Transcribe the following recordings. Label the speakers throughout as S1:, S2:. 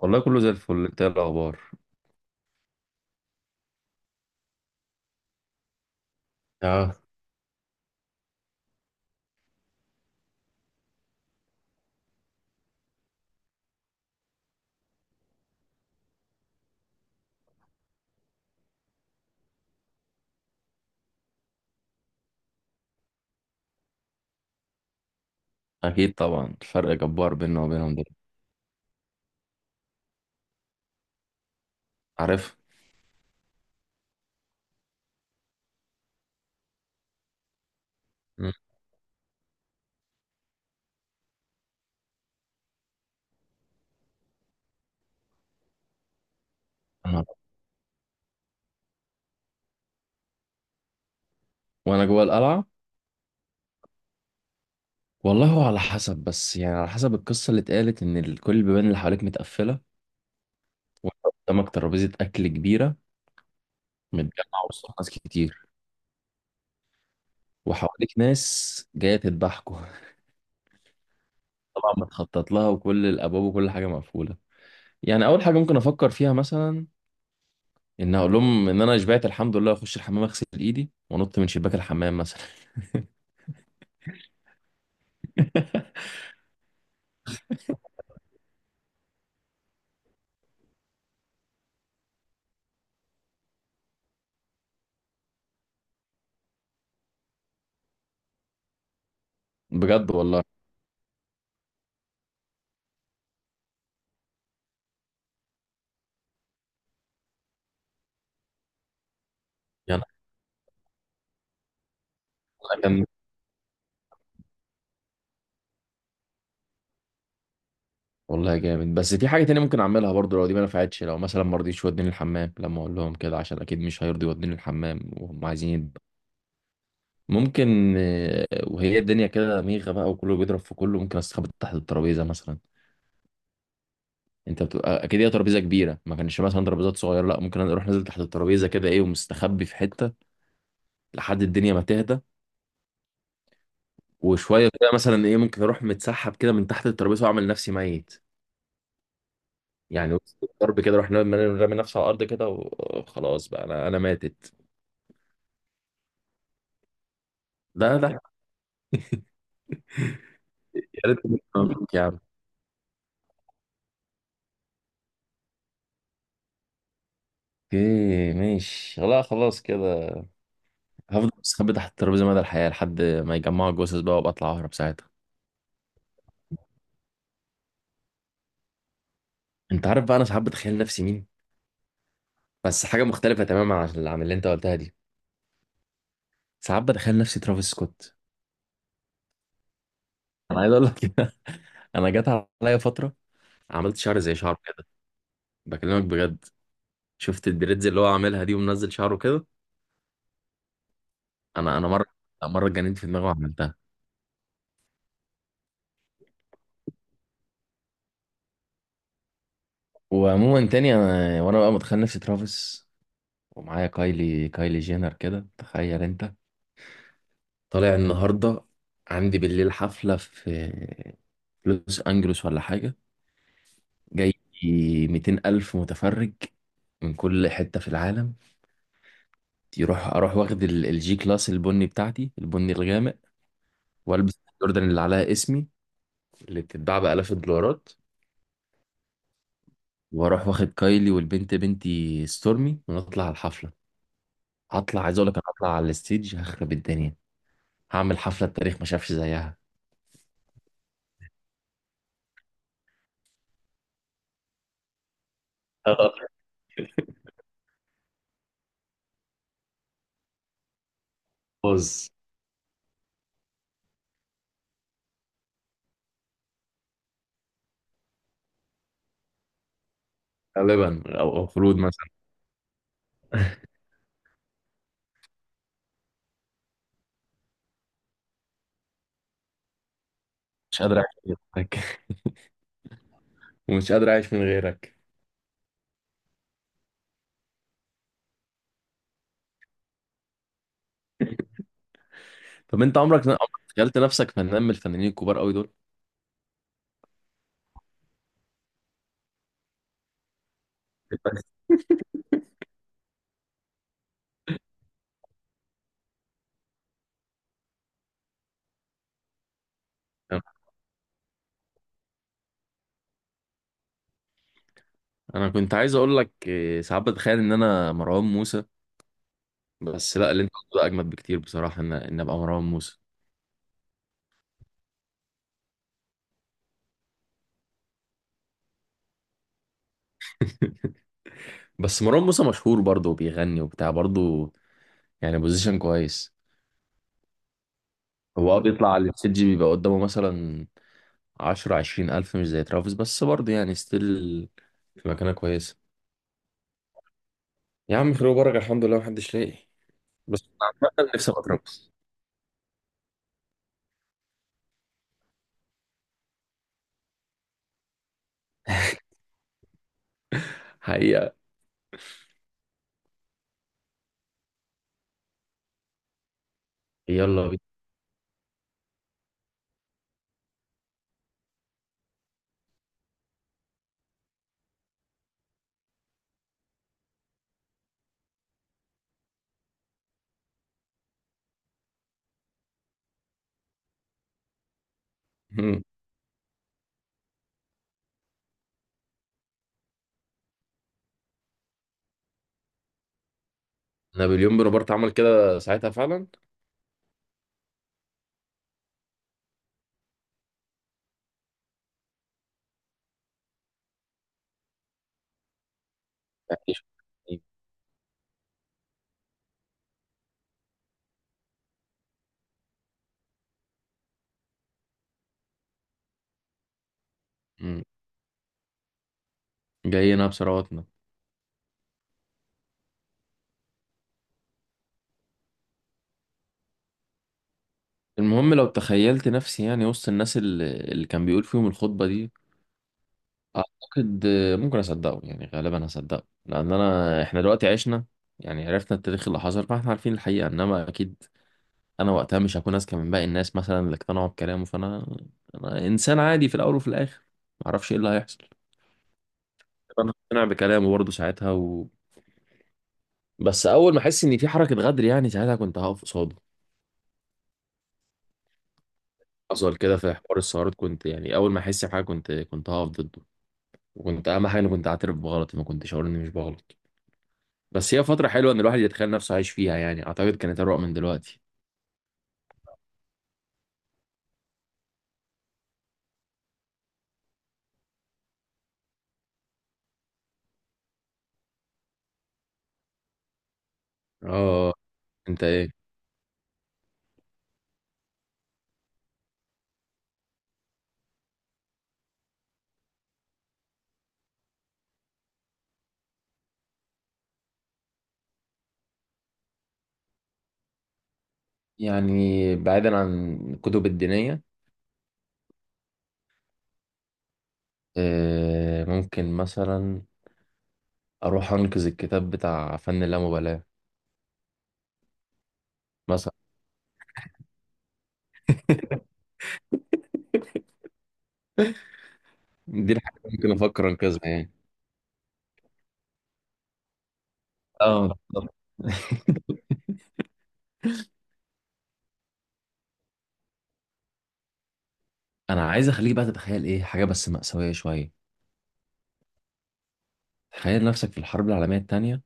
S1: والله كله زي الفل، انت ايه الاخبار؟ اه. اكيد طبعا، الفرق جبار بيننا وبينهم دلوقتي. عارف. مم. انا وانا جوه القلعه. والله هو على حسب، بس يعني على حسب القصه اللي اتقالت ان كل البيبان اللي حواليك متقفله. وانت قدامك ترابيزه اكل كبيره، متجمعه وسط ناس كتير، وحواليك ناس جايه تذبحكوا. طبعا متخطط لها، وكل الابواب وكل حاجه مقفوله. يعني اول حاجه ممكن افكر فيها مثلا، ان اقول لهم ان انا شبعت الحمد لله، اخش الحمام اغسل ايدي وانط من شباك الحمام مثلا. بجد والله. يعني، اكمل. والله جامد، بس في حاجه تانية ممكن اعملها برضو لو دي ما نفعتش. لو مثلا ما رضيتش يوديني الحمام لما اقول لهم كده، عشان اكيد مش هيرضي يوديني الحمام وهم عايزين ممكن، وهي الدنيا كده ميغه بقى وكله بيضرب في كله، ممكن استخبى تحت الترابيزه مثلا. انت بتبقى اكيد هي ترابيزه كبيره، ما كانش مثلا ترابيزات صغيره، لا، ممكن اروح نازل تحت الترابيزه كده، ايه، ومستخبي في حته لحد الدنيا ما تهدى. وشويه كده مثلا، ايه، ممكن اروح متسحب كده من تحت الترابيزه واعمل نفسي ميت. يعني وسط الضرب كده، رحنا رامي نفسه على الارض كده وخلاص بقى انا ماتت. لا لا. حرام يا عم. اوكي ماشي، لا خلاص كده. هفضل مستخبي تحت الترابيزه مدى الحياه لحد ما يجمعوا الجثث بقى، وابقى اطلع اهرب ساعتها. انت عارف بقى انا ساعات بتخيل نفسي مين؟ بس حاجه مختلفه تماما عن اللي انت قلتها دي. ساعات بتخيل نفسي ترافيس سكوت. انا عايز اقول لك. انا جت عليا فتره، عملت شعر زي شعره كده، بكلمك بجد. شفت الدريدز اللي هو عاملها دي ومنزل شعره كده. انا مرة اتجننت في دماغي وعملتها. وعموما تاني، انا وانا بقى متخيل نفسي ترافيس، ومعايا كايلي جينر كده، تخيل انت. طالع النهارده، عندي بالليل حفله في لوس انجلوس ولا حاجه. جاي 200 الف متفرج من كل حته في العالم. اروح واخد الجي كلاس البني بتاعتي، البني الغامق، والبس الجوردن اللي عليها اسمي، اللي بتتباع بالاف الدولارات. واروح واخد كايلي والبنت بنتي ستورمي ونطلع على الحفله. هطلع، عايز اقول لك، انا هطلع على الستيج هخرب الدنيا. هعمل حفلة التاريخ ما شافش زيها. آه. بوز. غالبا او خلود مثلا. مش قادر اعيش من غيرك. ومش قادر اعيش من غيرك. طب انت عمرك تخيلت نفسك فنان من الفنانين الكبار قوي دول؟ انا كنت عايز اقول لك إيه، ساعات بتخيل ان انا مروان موسى. بس لا، اللي انت قلته ده اجمد بكتير بصراحة، ان ابقى مروان موسى. بس مروان موسى مشهور برضه وبيغني وبتاع برضه، يعني بوزيشن كويس. هو بيطلع على الستيج بيبقى قدامه مثلا عشرة عشرين ألف، مش زي ترافيس بس برضه يعني ستيل في مكانة كويسة. يا عم خير وبركة، الحمد لله محدش لاقي. بس عامة نفسي أبقى ترافيس. حقيقة. يلا بينا. مم. نابليون بونابرت عمل كده ساعتها فعلا. مم. جايين بثرواتنا. المهم لو تخيلت نفسي يعني وسط الناس اللي كان بيقول فيهم الخطبة دي، أعتقد ممكن أصدقه. يعني غالبا هصدقه، لأن أنا، إحنا دلوقتي عشنا يعني، عرفنا التاريخ اللي حصل، فاحنا عارفين الحقيقة. إنما أكيد انا وقتها مش هكون اذكى من باقي الناس مثلا اللي اقتنعوا بكلامه، فانا انا انسان عادي في الاول وفي الاخر، معرفش ايه اللي هيحصل. انا هقتنع بكلامه برضه ساعتها بس اول ما احس ان في حركه غدر، يعني ساعتها كنت هقف قصاده. حصل كده في حوار السيارات، كنت يعني اول ما احس بحاجه، كنت هقف ضده. وكنت اهم حاجه اني كنت اعترف بغلطي، ما كنتش اقول اني مش بغلط. بس هي فتره حلوه ان الواحد يتخيل نفسه عايش فيها، يعني اعتقد كانت اروق من دلوقتي. اه. انت ايه؟ يعني بعيدا عن الكتب الدينيه. آه، ممكن مثلا اروح انقذ الكتاب بتاع فن اللامبالاة مثلا. دي الحاجة اللي ممكن افكر انقذها يعني. اه بالظبط. انا عايز اخليك بقى تتخيل ايه حاجة بس مأساوية شوية. تخيل نفسك في الحرب العالمية التانية،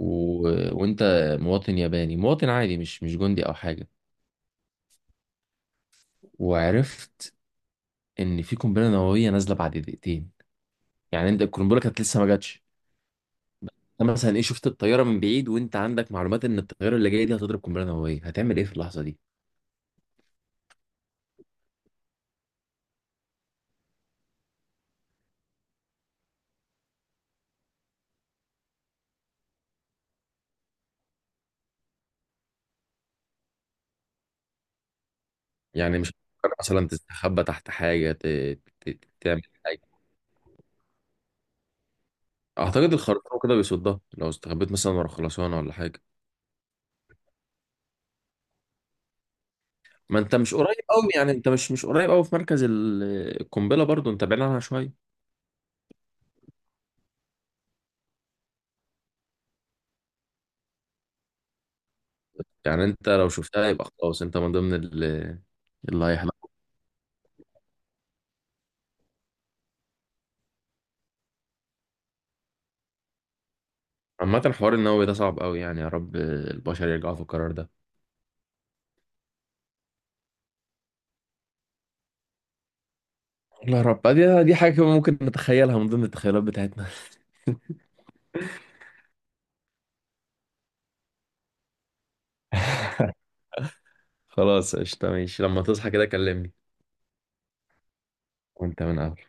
S1: و... وانت مواطن ياباني، مواطن عادي، مش مش جندي او حاجة. وعرفت ان في قنبلة نووية نازلة بعد دقيقتين. يعني انت القنبلة كانت لسه ما جاتش. انت مثلا ايه، شفت الطيارة من بعيد وانت عندك معلومات ان الطيارة اللي جاية دي هتضرب قنبلة نووية، هتعمل ايه في اللحظة دي؟ يعني مش هتفكر مثلا تستخبى تحت حاجة، تعمل حاجة؟ أعتقد الخرسانة كده بيصدها، لو استخبيت مثلا ورا خرسانة ولا حاجة. ما أنت مش قريب أوي، يعني أنت مش قريب أوي في مركز القنبلة، برضو أنت بعيد عنها شوية. يعني أنت لو شفتها يبقى خلاص، أنت من ضمن اللي هيحلق. عامة الحوار النووي ده صعب أوي، يعني يا رب البشر يرجعوا في القرار ده. والله يا رب، دي حاجة كمان ممكن نتخيلها من ضمن التخيلات بتاعتنا. خلاص قشطة، ماشي لما تصحى كده كلمني. وأنت من أهل